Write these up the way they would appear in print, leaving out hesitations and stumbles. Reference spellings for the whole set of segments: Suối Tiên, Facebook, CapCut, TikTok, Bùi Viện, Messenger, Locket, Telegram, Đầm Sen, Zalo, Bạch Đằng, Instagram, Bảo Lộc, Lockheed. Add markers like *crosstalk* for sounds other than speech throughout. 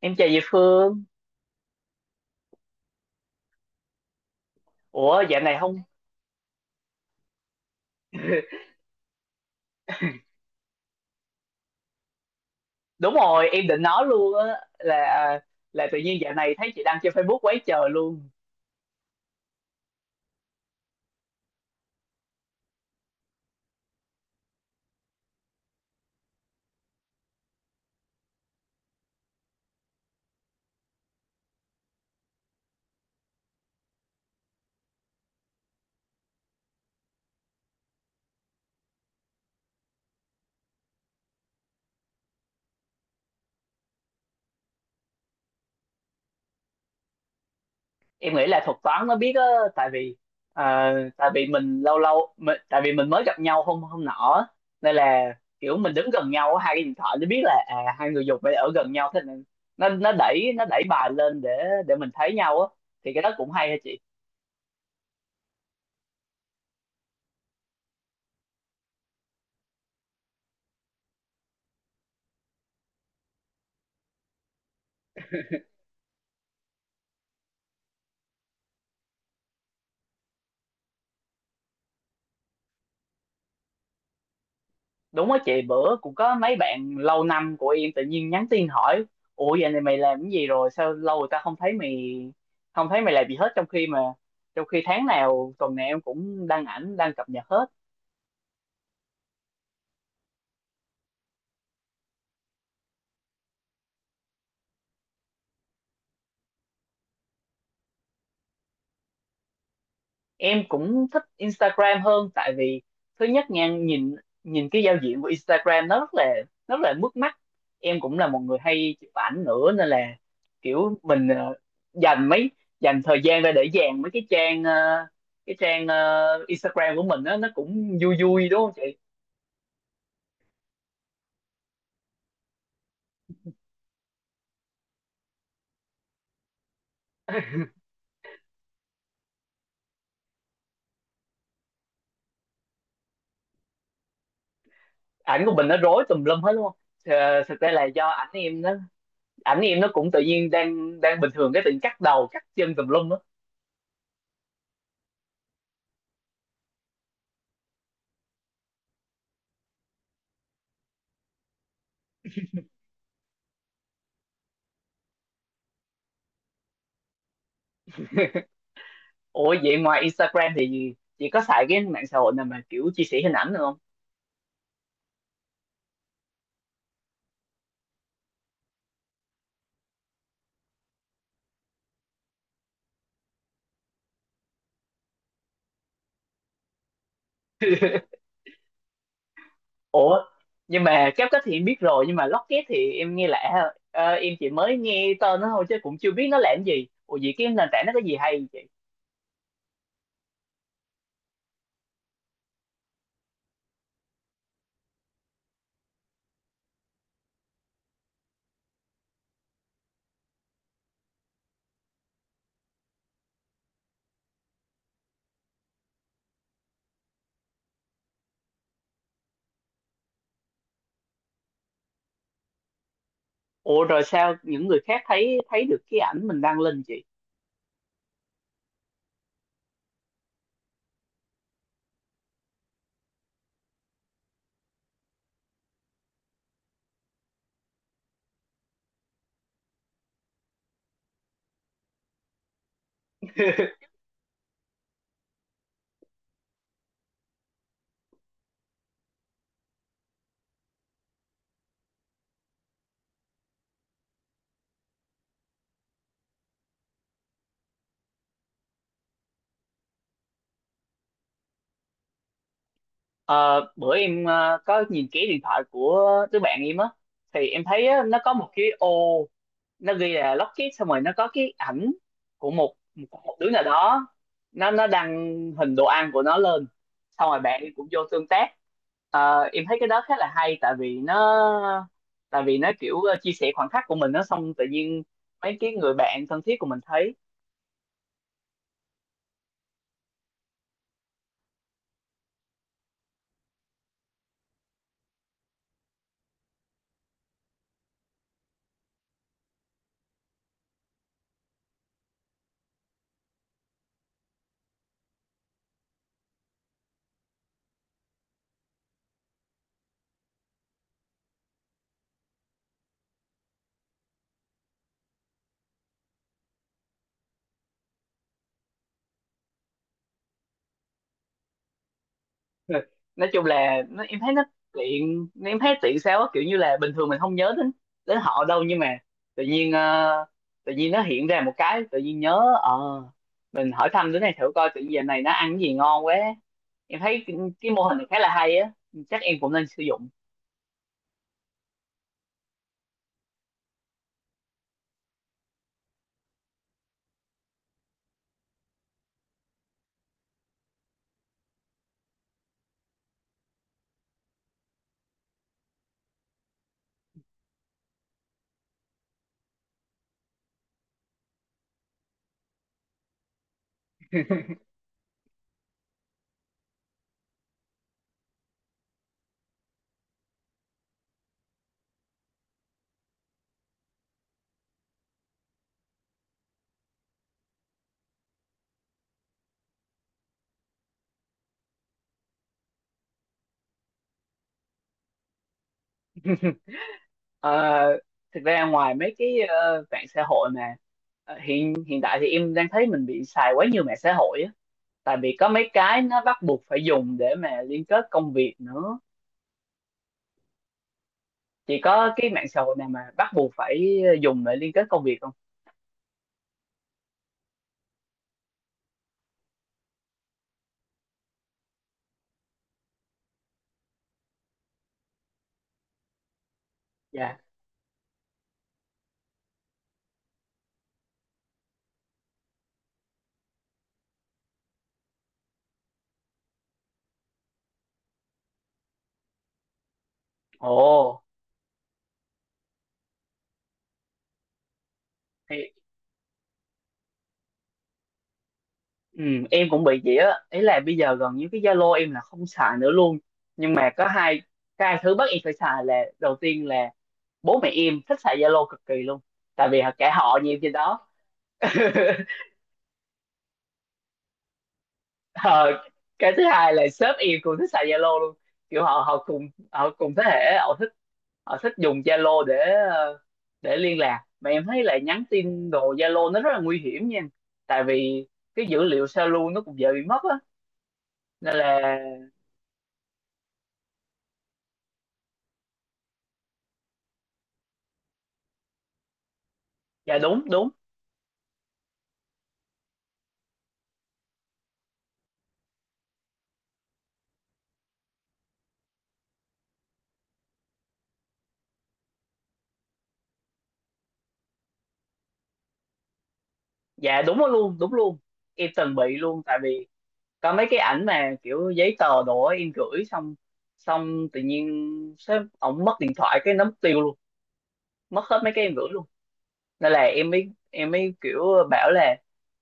Em chào chị Phương. Ủa, dạo này không... *laughs* Đúng rồi, em định nói luôn á, là à, là tự nhiên dạo này thấy chị đăng trên Facebook quá trời luôn. Em nghĩ là thuật toán nó biết á, tại vì tại vì mình lâu lâu mình, tại vì mình mới gặp nhau hôm hôm nọ á. Nên là kiểu mình đứng gần nhau á, hai cái điện thoại nó biết là à, hai người dùng phải ở gần nhau, thế nên nó đẩy bài lên để mình thấy nhau á. Thì cái đó cũng hay hả? Đúng á chị, bữa cũng có mấy bạn lâu năm của em tự nhiên nhắn tin hỏi ủa vậy này mày làm cái gì rồi sao lâu người ta không thấy mày, không thấy mày làm gì hết, trong khi mà trong khi tháng nào tuần nào em cũng đăng ảnh đăng cập nhật hết. Em cũng thích Instagram hơn, tại vì thứ nhất nha, nhìn nhìn cái giao diện của Instagram nó rất là mướt mắt, em cũng là một người hay chụp ảnh nữa nên là kiểu mình dành mấy thời gian ra để dàn mấy cái trang cái trang Instagram của mình á nó cũng vui vui đúng không chị? *laughs* Ảnh của mình nó rối tùm lum hết đúng không? Ờ, thực ra là do ảnh em nó cũng tự nhiên đang đang bình thường cái tự nhiên cắt đầu cắt chân tùm lum á. *laughs* Ủa vậy ngoài Instagram thì chị có xài cái mạng xã hội nào mà kiểu chia sẻ hình ảnh được không? *laughs* Ủa, nhưng mà CapCut thì em biết rồi, nhưng mà Locket thì em nghe lạ ha. Ờ, em chỉ mới nghe tên nó thôi chứ cũng chưa biết nó làm gì. Ủa vậy cái nền tảng nó có gì hay vậy chị? Ủa rồi sao những người khác thấy, thấy được cái ảnh mình đăng lên chị? Ờ, bữa em có nhìn kỹ điện thoại của đứa bạn em á, thì em thấy á, nó có một cái ô, nó ghi là Lockheed, xong rồi nó có cái ảnh của một của một đứa nào đó, nó đăng hình đồ ăn của nó lên, xong rồi bạn em cũng vô tương tác. Ờ, em thấy cái đó khá là hay, tại vì nó kiểu chia sẻ khoảnh khắc của mình, nó xong tự nhiên mấy cái người bạn thân thiết của mình thấy. Nói chung là nó, em thấy nó tiện, em thấy tiện sao á, kiểu như là bình thường mình không nhớ đến đến họ đâu, nhưng mà tự nhiên tự nhiên nó hiện ra một cái tự nhiên nhớ, ờ, mình hỏi thăm đứa này thử coi, tự nhiên giờ này nó ăn cái gì ngon quá. Em thấy cái mô hình này khá là hay á, chắc em cũng nên sử dụng. *laughs* Ờ, thực ra ngoài mấy cái mạng xã hội mà hiện hiện tại thì em đang thấy mình bị xài quá nhiều mạng xã hội á, tại vì có mấy cái nó bắt buộc phải dùng để mà liên kết công việc nữa. Chị có cái mạng xã hội nào mà bắt buộc phải dùng để liên kết công việc không? Dạ. Ồ. Thì ừ, em cũng bị vậy á, ý là bây giờ gần như cái Zalo em là không xài nữa luôn, nhưng mà có hai hai thứ bắt em phải xài là đầu tiên là bố mẹ em thích xài Zalo cực kỳ luôn, tại vì cả họ nhà em trên đó. *laughs* Ờ, cái thứ hai là sếp em cũng thích xài Zalo luôn, kiểu họ họ cùng thế hệ, họ thích dùng Zalo để ờ, để liên lạc, mà em thấy là nhắn tin đồ Zalo nó rất là nguy hiểm nha, tại vì cái dữ liệu sao lưu nó cũng dễ bị mất á, nên là... Dạ đúng đúng. Dạ đúng đó luôn, đúng luôn. Em từng bị luôn, tại vì có mấy cái ảnh mà kiểu giấy tờ đồ á, em gửi xong xong tự nhiên sếp ổng mất điện thoại cái nó mất tiêu luôn, mất hết mấy cái em gửi luôn. Nên là em mới kiểu bảo là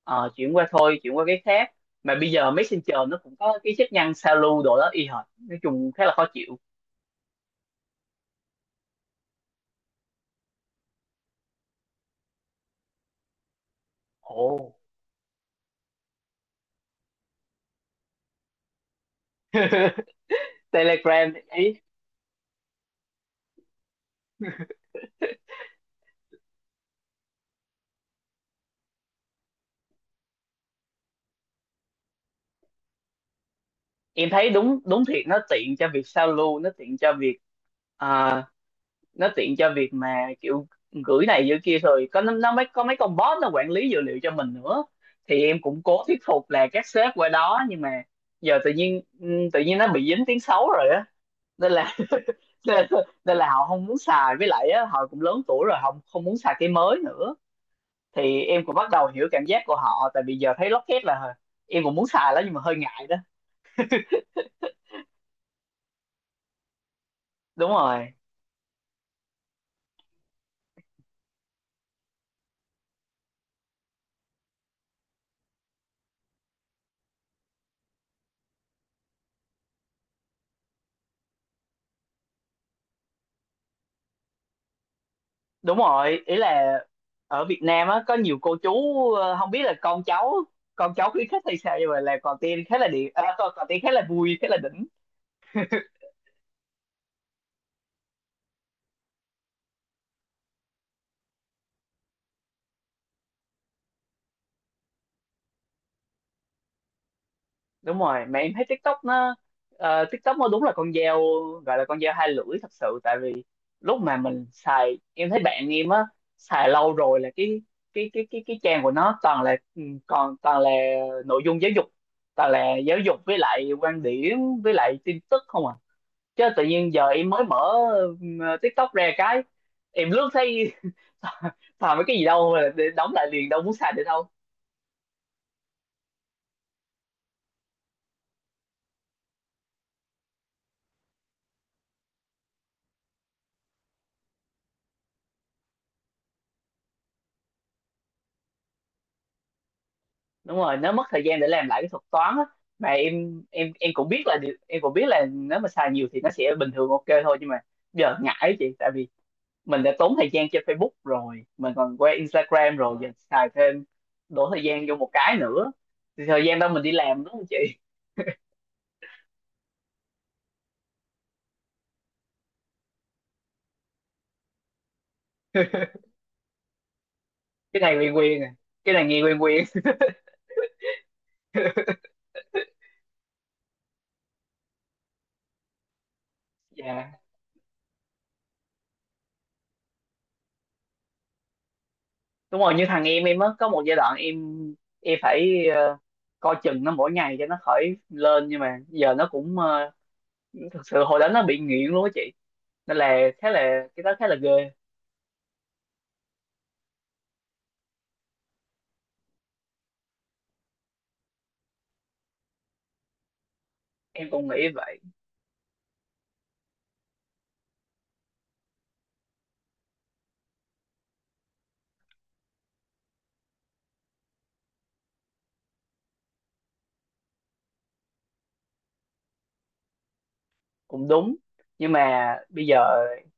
chuyển qua thôi, chuyển qua cái khác, mà bây giờ Messenger nó cũng có cái chức năng sao lưu đồ đó y hệt, nói chung khá là khó chịu. Ồ. *laughs* Telegram ý? Em thấy đúng đúng thiệt, nó tiện cho việc sao lưu, nó tiện cho việc à, nó tiện cho việc mà kiểu gửi này gửi kia, rồi có nó mới có mấy con bot nó quản lý dữ liệu cho mình nữa, thì em cũng cố thuyết phục là các sếp qua đó, nhưng mà giờ tự nhiên ừ, tự nhiên nó bị dính tiếng xấu rồi á, nên là *laughs* nên, nên là họ không muốn xài, với lại á, họ cũng lớn tuổi rồi họ không muốn xài cái mới nữa. Thì em cũng bắt đầu hiểu cảm giác của họ, tại vì giờ thấy Locket là em cũng muốn xài lắm nhưng mà hơi ngại đó. Đúng rồi. Đúng rồi, ý là ở Việt Nam á có nhiều cô chú không biết là con cháu khuyến khích hay sao, nhưng mà là còn tiên khá là điện à, còn tiên khá là vui khá là đỉnh. Đúng rồi, mà em thấy TikTok nó TikTok nó đúng là con dao, gọi là con dao hai lưỡi thật sự, tại vì lúc mà mình xài em thấy bạn em á xài lâu rồi là cái trang của nó toàn là ừ, còn toàn là nội dung giáo dục, toàn là giáo dục với lại quan điểm với lại tin tức không à, chứ tự nhiên giờ em mới mở ừ, TikTok ra cái em lướt thấy *laughs* toàn mấy cái gì đâu mà để đóng lại liền, đâu muốn xài được đâu. Đúng rồi, nó mất thời gian để làm lại cái thuật toán á, mà em cũng biết là em cũng biết là nếu mà xài nhiều thì nó sẽ bình thường ok thôi, nhưng mà giờ ngại chị, tại vì mình đã tốn thời gian trên Facebook rồi, mình còn qua Instagram rồi, giờ xài thêm đổ thời gian vô một cái nữa, thì thời gian đó mình đi làm đúng không chị? *laughs* Cái này quen quen à, cái này nghe quen quen. *laughs* Dạ đúng rồi, như thằng em á có một giai đoạn em phải coi chừng nó mỗi ngày cho nó khỏi lên, nhưng mà giờ nó cũng ờ, thực sự hồi đó nó bị nghiện luôn á chị, nên là khá là cái đó khá là ghê. Em cũng nghĩ vậy. Cũng đúng, nhưng mà bây giờ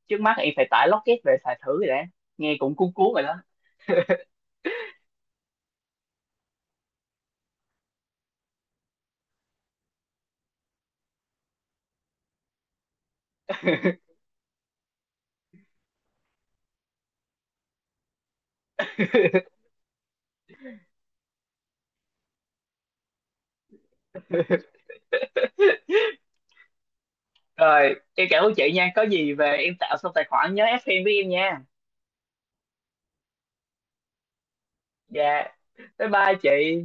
trước mắt em phải tải Locket về xài thử rồi đã, nghe cũng cuốn cuốn rồi đó. *laughs* Rồi em cảm ơn chị nha, có gì về em tạo xong tài khoản nhớ ép em với em nha. Dạ, bye bye chị.